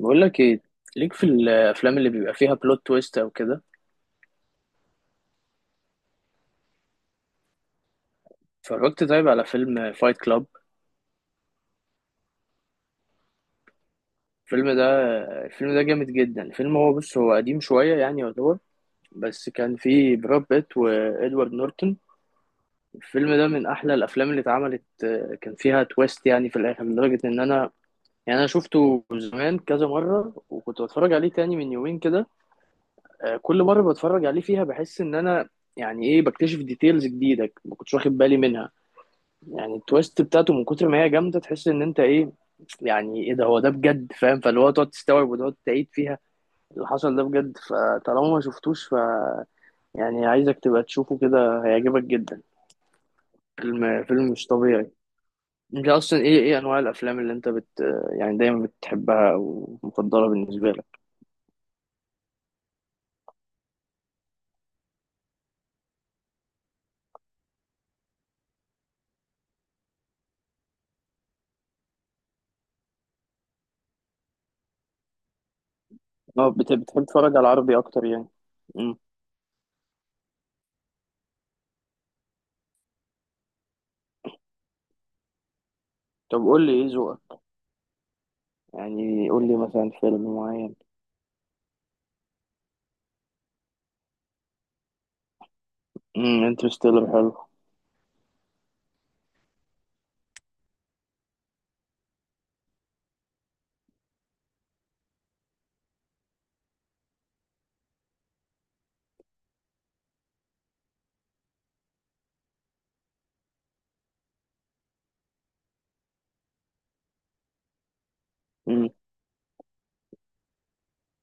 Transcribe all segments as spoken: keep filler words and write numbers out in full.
بقول لك ايه، ليك في الافلام اللي بيبقى فيها بلوت تويست او كده. اتفرجت طيب على فيلم فايت كلاب؟ الفيلم ده، الفيلم ده جامد جدا. الفيلم هو، بص هو قديم شويه يعني يعتبر، بس كان فيه براد بيت وادوارد نورتون. الفيلم ده من احلى الافلام اللي اتعملت. آه، كان فيها تويست يعني في الاخر لدرجه ان انا، يعني انا شفته زمان كذا مره وكنت بتفرج عليه تاني من يومين كده. آه، كل مره بتفرج عليه فيها بحس ان انا، يعني ايه، بكتشف ديتيلز جديده ما كنتش واخد بالي منها. يعني التويست بتاعته من كتر ما هي جامده تحس ان انت ايه، يعني ايه ده، هو ده بجد فاهم، فاللي هو تقعد تستوعب وتقعد تعيد فيها اللي حصل ده بجد. فطالما ما شفتوش ف يعني عايزك تبقى تشوفه، كده هيعجبك جدا. فيلم، فيلم مش طبيعي. انت اصلا ايه، ايه انواع الافلام اللي انت بت يعني دايما بتحبها او مفضله بالنسبه لك؟ اه بت- بتحب تتفرج على العربي اكتر يعني؟ امم طب قول لي ايه ذوقك؟ يعني قول لي مثلا فيلم معين. امم انترستيلر حلو.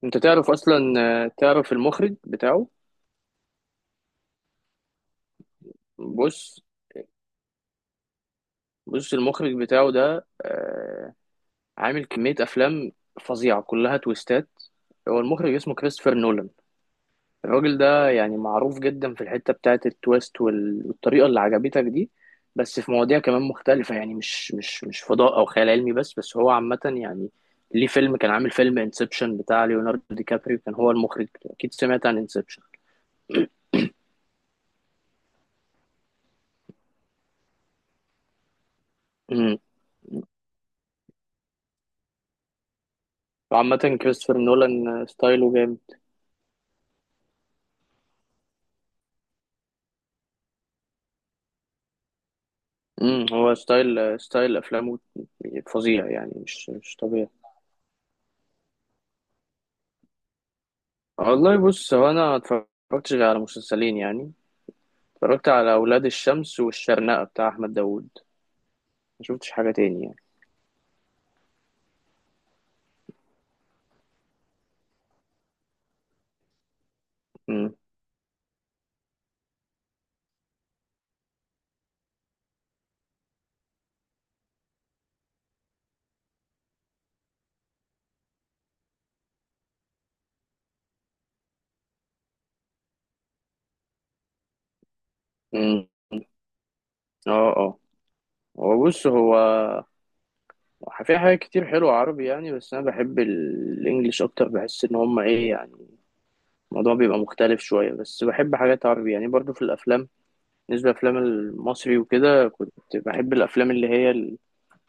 انت تعرف اصلا، آه، تعرف المخرج بتاعه؟ بص، بص المخرج بتاعه ده آه، عامل كمية افلام فظيعة كلها تويستات. هو المخرج اسمه كريستوفر نولان. الراجل ده يعني معروف جدا في الحتة بتاعة التويست وال- والطريقة اللي عجبتك دي. بس في مواضيع كمان مختلفة يعني مش مش مش فضاء او خيال علمي بس، بس هو عامة يعني ليه فيلم كان عامل فيلم انسبشن بتاع ليوناردو دي كابريو، كان هو المخرج. اكيد سمعت عن انسبشن. امم وعامة كريستوفر نولان آه، ستايله جامد. امم هو ستايل، ستايل افلامه فظيع يعني مش مش طبيعي. والله بص، هو انا ما اتفرجتش غير على مسلسلين يعني. اتفرجت على اولاد الشمس والشرنقة بتاع احمد داوود، ما شفتش حاجة تاني يعني. امم امم اه اه. هو بص، هو في حاجات كتير حلوة عربي يعني، بس انا بحب ال- الانجليش اكتر. بحس ان هما ايه يعني، الموضوع بيبقى مختلف شوية. بس بحب حاجات عربي يعني برضو في الافلام. بالنسبة للافلام المصري وكده كنت بحب الافلام اللي هي،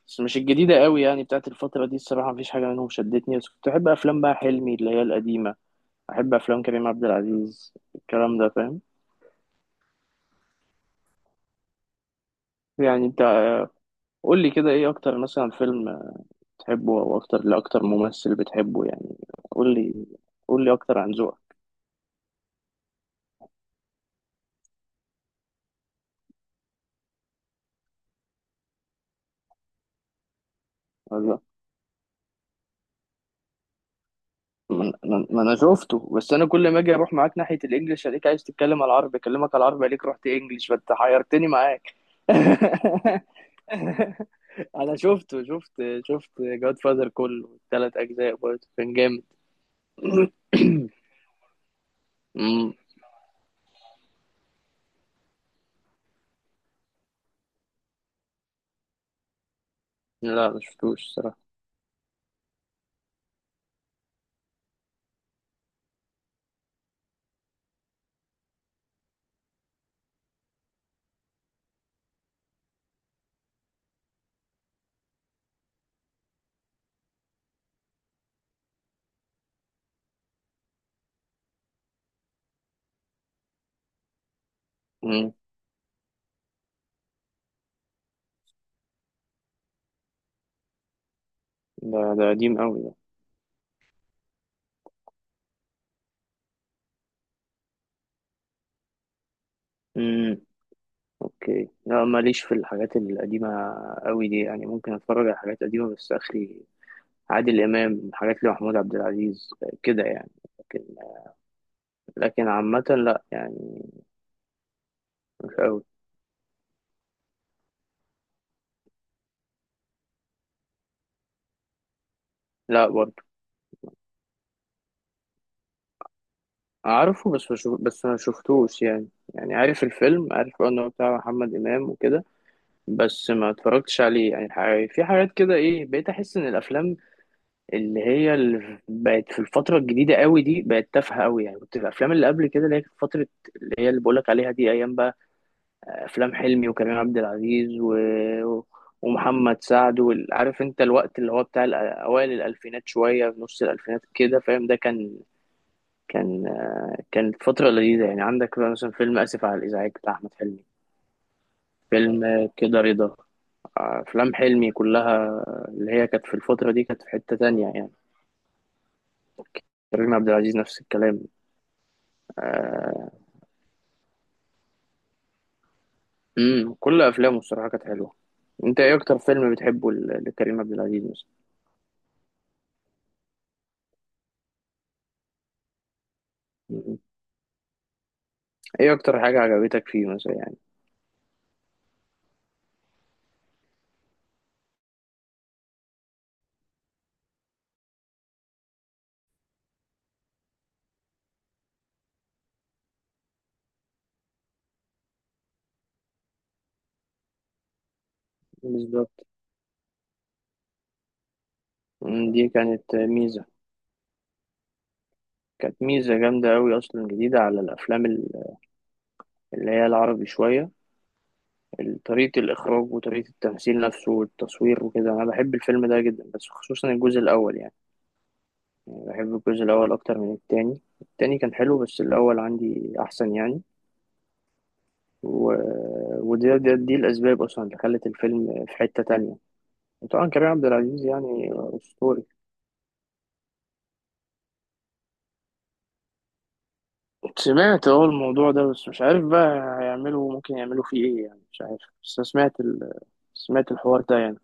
بس مش الجديدة قوي يعني بتاعت الفترة دي. الصراحة مفيش حاجة منهم شدتني، بس كنت أحب أفلام بقى حلمي اللي هي القديمة. أحب أفلام كريم عبد العزيز، الكلام ده فاهم؟ يعني أنت، قول لي كده إيه أكتر مثلا فيلم بتحبه، أو أكتر لأكتر ممثل بتحبه يعني. قول لي، قول لي أكتر عن ذوقك. والله. ما ما- ما أنا شفته، بس أنا كل ما أجي أروح معاك ناحية الإنجليش ألاقيك عايز تتكلم على العربي، أكلمك على العربي ألاقيك رحت إنجليش، فأنت حيرتني معاك. انا شفته، شفت شفت جاد فاذر كله، التلات اجزاء برضه كان جامد. مم. لا ما شفتوش الصراحه. مم. ده، ده قديم قوي ده. مم. اوكي لا، ماليش في الحاجات القديمه قوي دي يعني. ممكن اتفرج على حاجات قديمه بس اخري، عادل امام، حاجات لمحمود عبد العزيز، كده يعني. لكن، لكن عامه لا يعني، مش قوي. لا برضه. اعرفه بس مش بس ما شفتوش يعني. يعني عارف الفيلم، عارف انه بتاع محمد امام وكده، بس ما اتفرجتش عليه يعني. ح- في حاجات كده ايه، بقيت احس ان الافلام اللي هي اللي بقت في الفتره الجديده قوي دي بقت تافهه قوي يعني. كنت الافلام اللي قبل كده اللي هي كانت فتره، اللي هي اللي بقولك عليها دي، ايام بقى افلام حلمي وكريم عبد العزيز و ومحمد سعد وال- عارف انت الوقت اللي هو بتاع الأ- اوائل الالفينات شويه في نص الالفينات كده، فاهم؟ ده كان، كان آه، كانت فتره لذيذه يعني. عندك بقى مثلا فيلم اسف على الازعاج بتاع احمد حلمي، فيلم آه، كده رضا. افلام حلمي كلها اللي هي كانت في الفتره دي كانت في حته تانية يعني. كريم عبد العزيز نفس الكلام. امم كل افلامه الصراحه كانت حلوه. انت ايه اكتر فيلم بتحبه ل- لكريم عبد العزيز مثلا؟ مم. ايه اكتر حاجه عجبتك فيه مثلا يعني؟ بالظبط. مم، دي كانت ميزه، كانت ميزه جامده قوي اصلا، جديده على الافلام ال- اللي هي العربي شويه. طريقه الاخراج وطريقه التمثيل نفسه والتصوير وكده، انا بحب الفيلم ده جدا بس خصوصا الجزء الاول يعني. بحب الجزء الأول أكتر من التاني، التاني كان حلو بس الأول عندي أحسن يعني. و ودي، دي, دي الأسباب أصلا اللي خلت الفيلم في حتة تانية. وطبعا كريم عبد العزيز يعني أسطوري. سمعت أهو الموضوع ده، بس مش عارف بقى هيعملوا، ممكن يعملوا فيه إيه يعني، مش عارف، بس أنا سمعت ال سمعت الحوار ده يعني.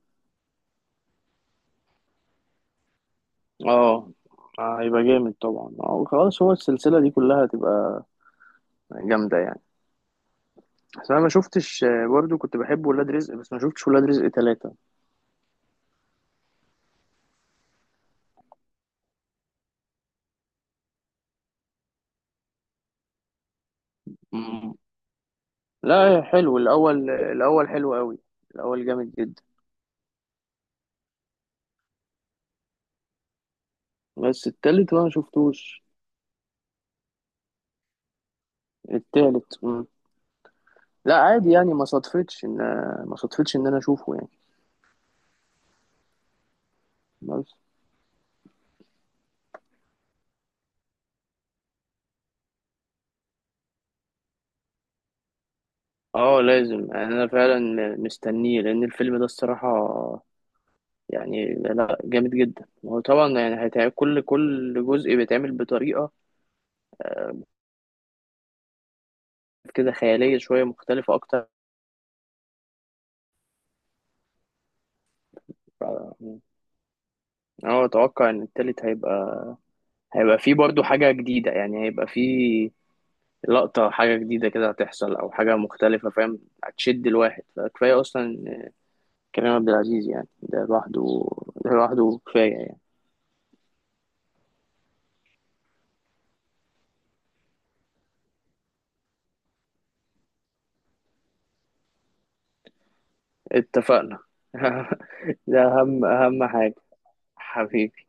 اه، آه، هيبقى جامد طبعا. اه خلاص، هو السلسلة دي كلها هتبقى جامدة يعني. بس أنا ما شفتش. آه، برضو كنت بحب ولاد رزق، بس ما شفتش ولاد رزق ثلاثة. لا حلو الاول، الاول حلو قوي، الاول جامد جدا. بس التالت بقى ما شفتوش. التالت مم. لا عادي يعني، ما صدفتش ان، ما صدفتش ان انا اشوفه يعني بس. اه لازم يعني انا فعلا م- مستنيه، لان الفيلم ده الصراحه يعني لا، جامد جدا. هو طبعا يعني هيتعمل، كل كل جزء بيتعمل بطريقه كده خياليه شويه مختلفه اكتر. اه اتوقع ان التالت هيبقى، هيبقى فيه برضو حاجه جديده يعني، هيبقى فيه لقطة، حاجة جديدة كده هتحصل أو حاجة مختلفة، فاهم؟ هتشد الواحد. فكفاية أصلا كريم عبد العزيز يعني، ده لوحده، ده لوحده كفاية يعني. اتفقنا. ده أهم، أهم حاجة. حبيبي.